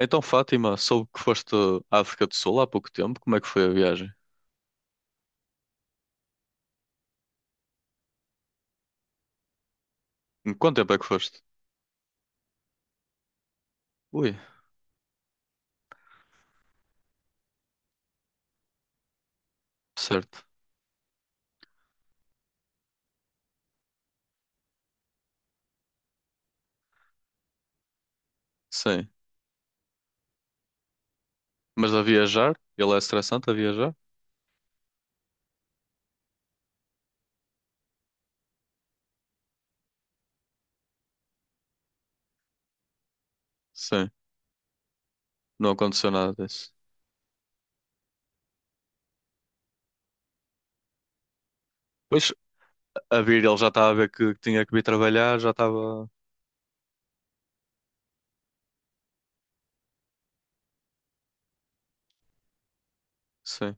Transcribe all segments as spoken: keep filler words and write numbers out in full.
Então, Fátima, soube que foste à África do Sul há pouco tempo. Como é que foi a viagem? Em quanto tempo é que foste? Ui, certo. Sim. Mas a viajar? Ele é estressante a viajar? Sim. Não aconteceu nada disso. Pois, a vir ele já estava a ver que tinha que vir trabalhar, já estava... Sim,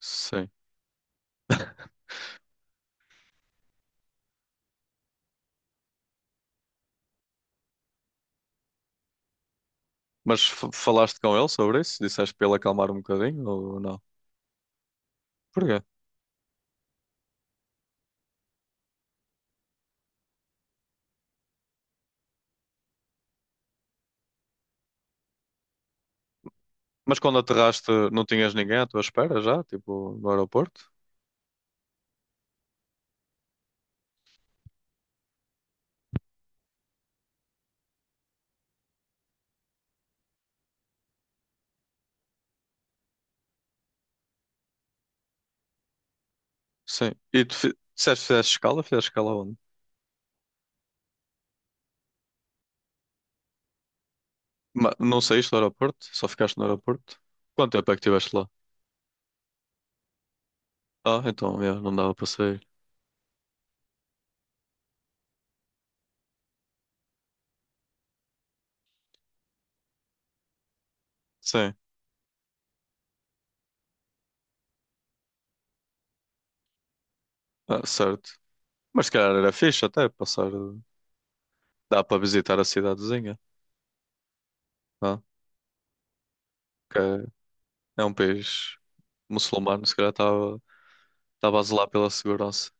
sim. Mas f- falaste com ele sobre isso? Disseste para ele acalmar um bocadinho ou não? Porquê? Mas quando aterraste, não tinhas ninguém à tua espera já? Tipo, no aeroporto? Sim. E tu fi- disseste que fizeste escala? Fizeste escala onde? Ma- não saíste do aeroporto? Só ficaste no aeroporto? Quanto tempo é que estiveste lá? Ah, então, yeah, não dava para sair. Sim, ah, certo. Mas se calhar era fixe até passar. eh, Dá para visitar a cidadezinha, não? Que é é um país muçulmano, se calhar estava estava a zelar pela segurança.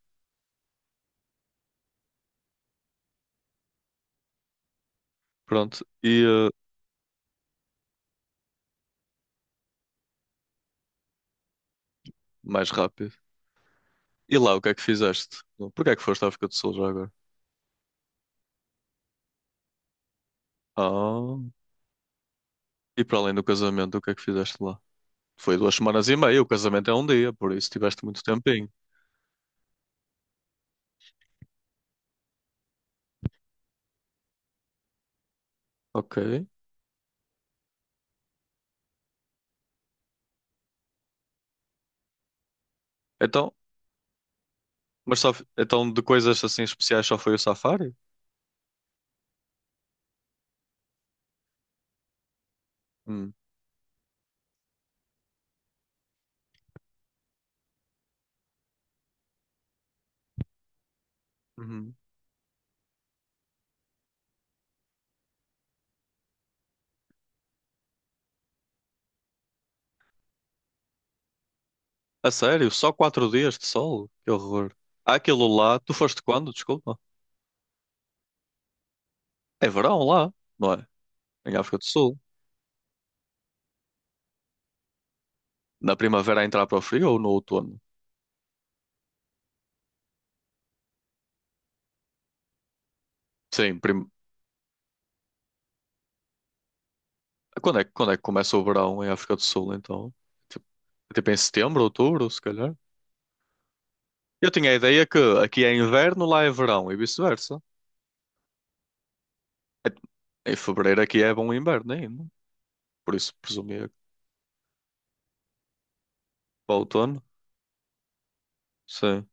Pronto, e eh, mais rápido. E lá, o que é que fizeste? Porquê é que foste à África do Sul já agora? Ah, e para além do casamento, o que é que fizeste lá? Foi duas semanas e meia, o casamento é um dia, por isso tiveste muito tempinho. Ok. Então, mas só, f- então de coisas assim especiais só foi o safari? Hum. Uhum. A sério? Só quatro dias de sol? Que horror. Há Aquilo lá, tu foste quando? Desculpa. É verão lá, não é? Em África do Sul. Na primavera a entrar para o frio ou no outono? Sim, prim... quando é, que- quando é que começa o verão em África do Sul, então? Tipo, tipo em setembro, outubro, se calhar. Eu tinha a ideia que aqui é inverno, lá é verão e vice-versa. É- Em fevereiro aqui é bom inverno ainda. Por isso presumia que para o outono. Sim.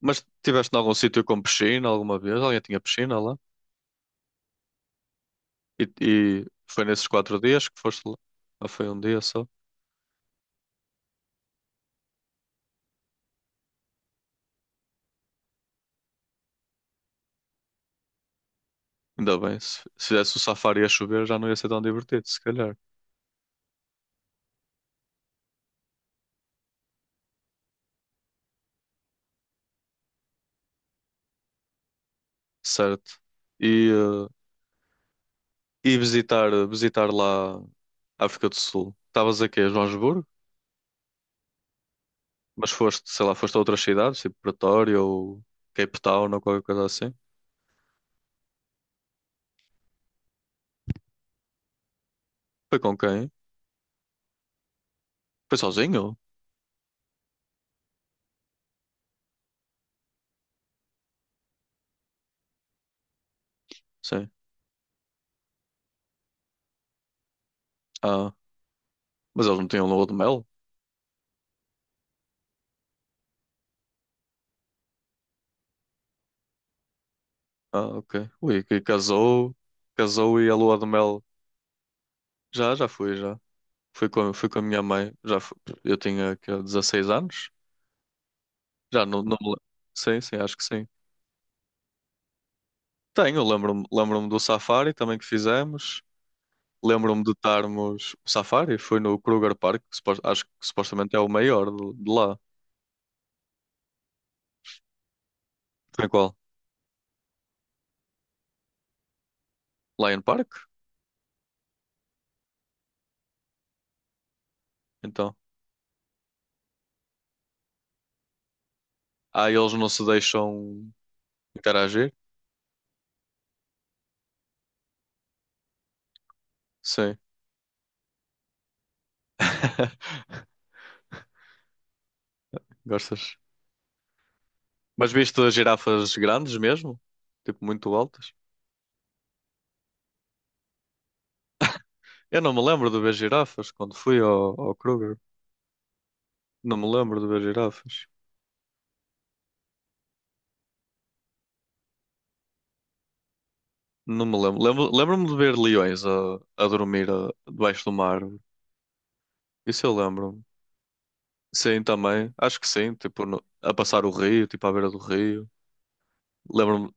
Mas tiveste em algum sítio com piscina alguma vez? Alguém tinha piscina lá? E, e foi nesses quatro dias que foste lá? Ou foi um dia só? Ainda bem, se, se fizesse o safari a chover já não ia ser tão divertido, se calhar. Certo. E, eh, e visitar, visitar lá a África do Sul. Estavas aqui a Joanesburgo, mas foste, sei lá, foste a outras cidades, tipo Pretória ou Cape Town ou qualquer coisa assim. Foi com quem? Foi sozinho? Sim. Ah, mas eles não tinham lua de mel? Ah, ok. Ui, que casou, casou e a lua de mel. Já, já fui, já. Fui com, a- fui com a minha mãe. Já fu- Eu tinha que, é, dezasseis anos. Já não, não me le- Sim, sim, acho que sim. Tenho, lembro-me, lembro-me do safari também que fizemos. Lembro-me de estarmos. O safari foi no Kruger Park, que supos- acho que supostamente é o maior de, de lá. Foi em qual? Lion Park? Então. Ah, eles não se deixam interagir? Sim. Gostas? Mas viste as girafas grandes mesmo? Tipo, muito altas? Eu não me lembro de ver girafas quando fui ao, ao Kruger. Não me lembro de ver girafas. Não me lembro. Lembro- Lembro-me de ver leões a, a dormir a- debaixo de uma árvore. Isso eu lembro-me. Sim, também. Acho que sim. Tipo, no- a passar o rio, tipo, à beira do rio. Lembro-me.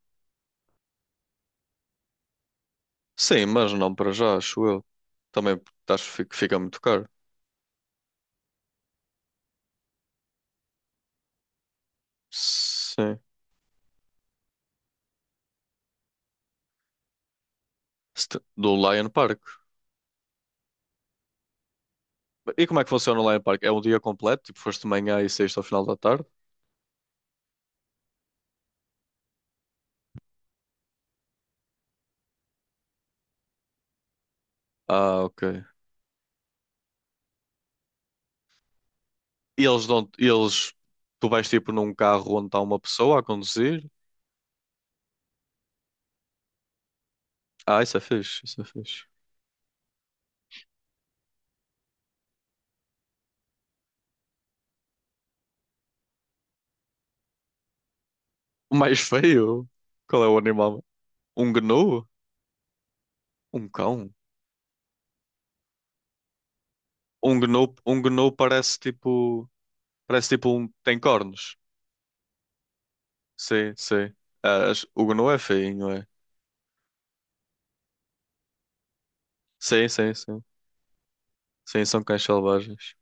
Sim, mas não para já, acho eu. Também acho que fica fica muito caro. Sim. Ste- Do Lion Park. E como é que funciona o Lion Park? É um dia completo? Tipo, foste de manhã e saíste ao final da tarde? Ah, ok. E eles dão, eles, tu vais tipo num carro onde está uma pessoa a conduzir? Ah, isso é fixe, isso é fixe. O mais feio? Qual é o animal? Um gnu? Um cão? Um gnu, um gnu parece tipo, parece tipo um, tem cornos. Sim, sim. Ah, as- o gnu é feinho, é. Sim, sim, sim. Sim, são cães selvagens.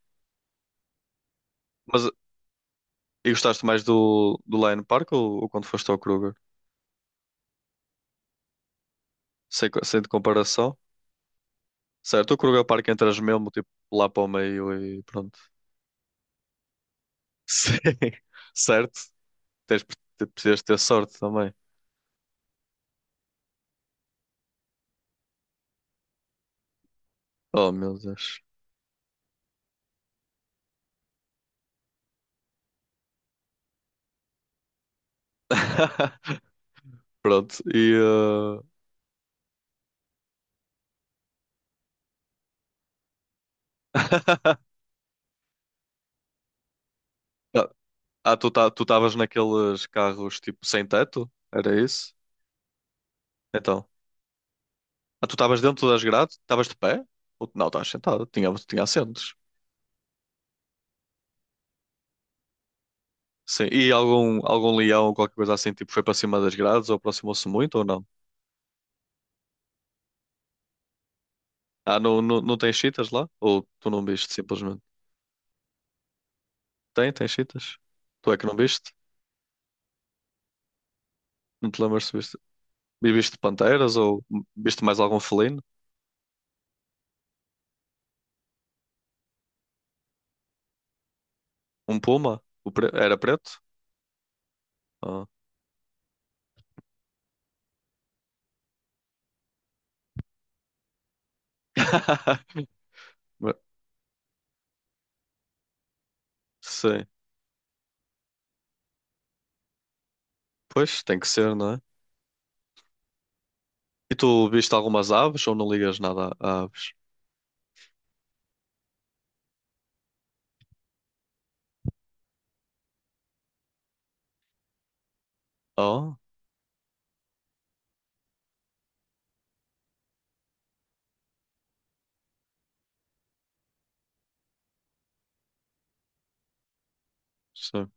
Mas e gostaste mais do, do Lion Park ou, ou quando foste ao Kruger? Sem, co- sem de comparação? Certo, o Kruger Park entras mesmo tipo lá para o meio e pronto. Sim, certo. Tens, te- precisas ter sorte também. Oh meu Deus. Pronto, e uh, Ah, tu tá, tu estavas naqueles carros tipo sem teto? Era isso? Então. Ah, tu estavas dentro das grades? Estavas de pé? Ou- Não, estavas sentado, tinha, tinha assentos. Sim. E algum, algum leão ou qualquer coisa assim tipo foi para cima das grades ou aproximou-se muito ou não? Ah, não, não, não tens cheetahs lá? Ou tu não viste simplesmente? Tem, tem cheetahs. Tu é que não viste? Não te lembras se viste? E viste panteras ou viste mais algum felino? Um puma? O pre- Era preto? Ah. Mas- Sim. Pois, tem que ser, não é? E tu viste algumas aves ou não ligas nada a a aves? Oh, sim.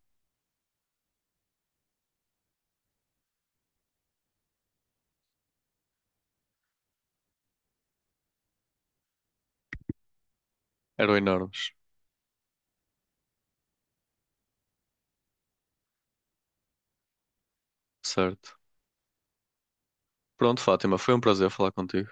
Eram enormes. Certo. Pronto, Fátima, foi um prazer falar contigo.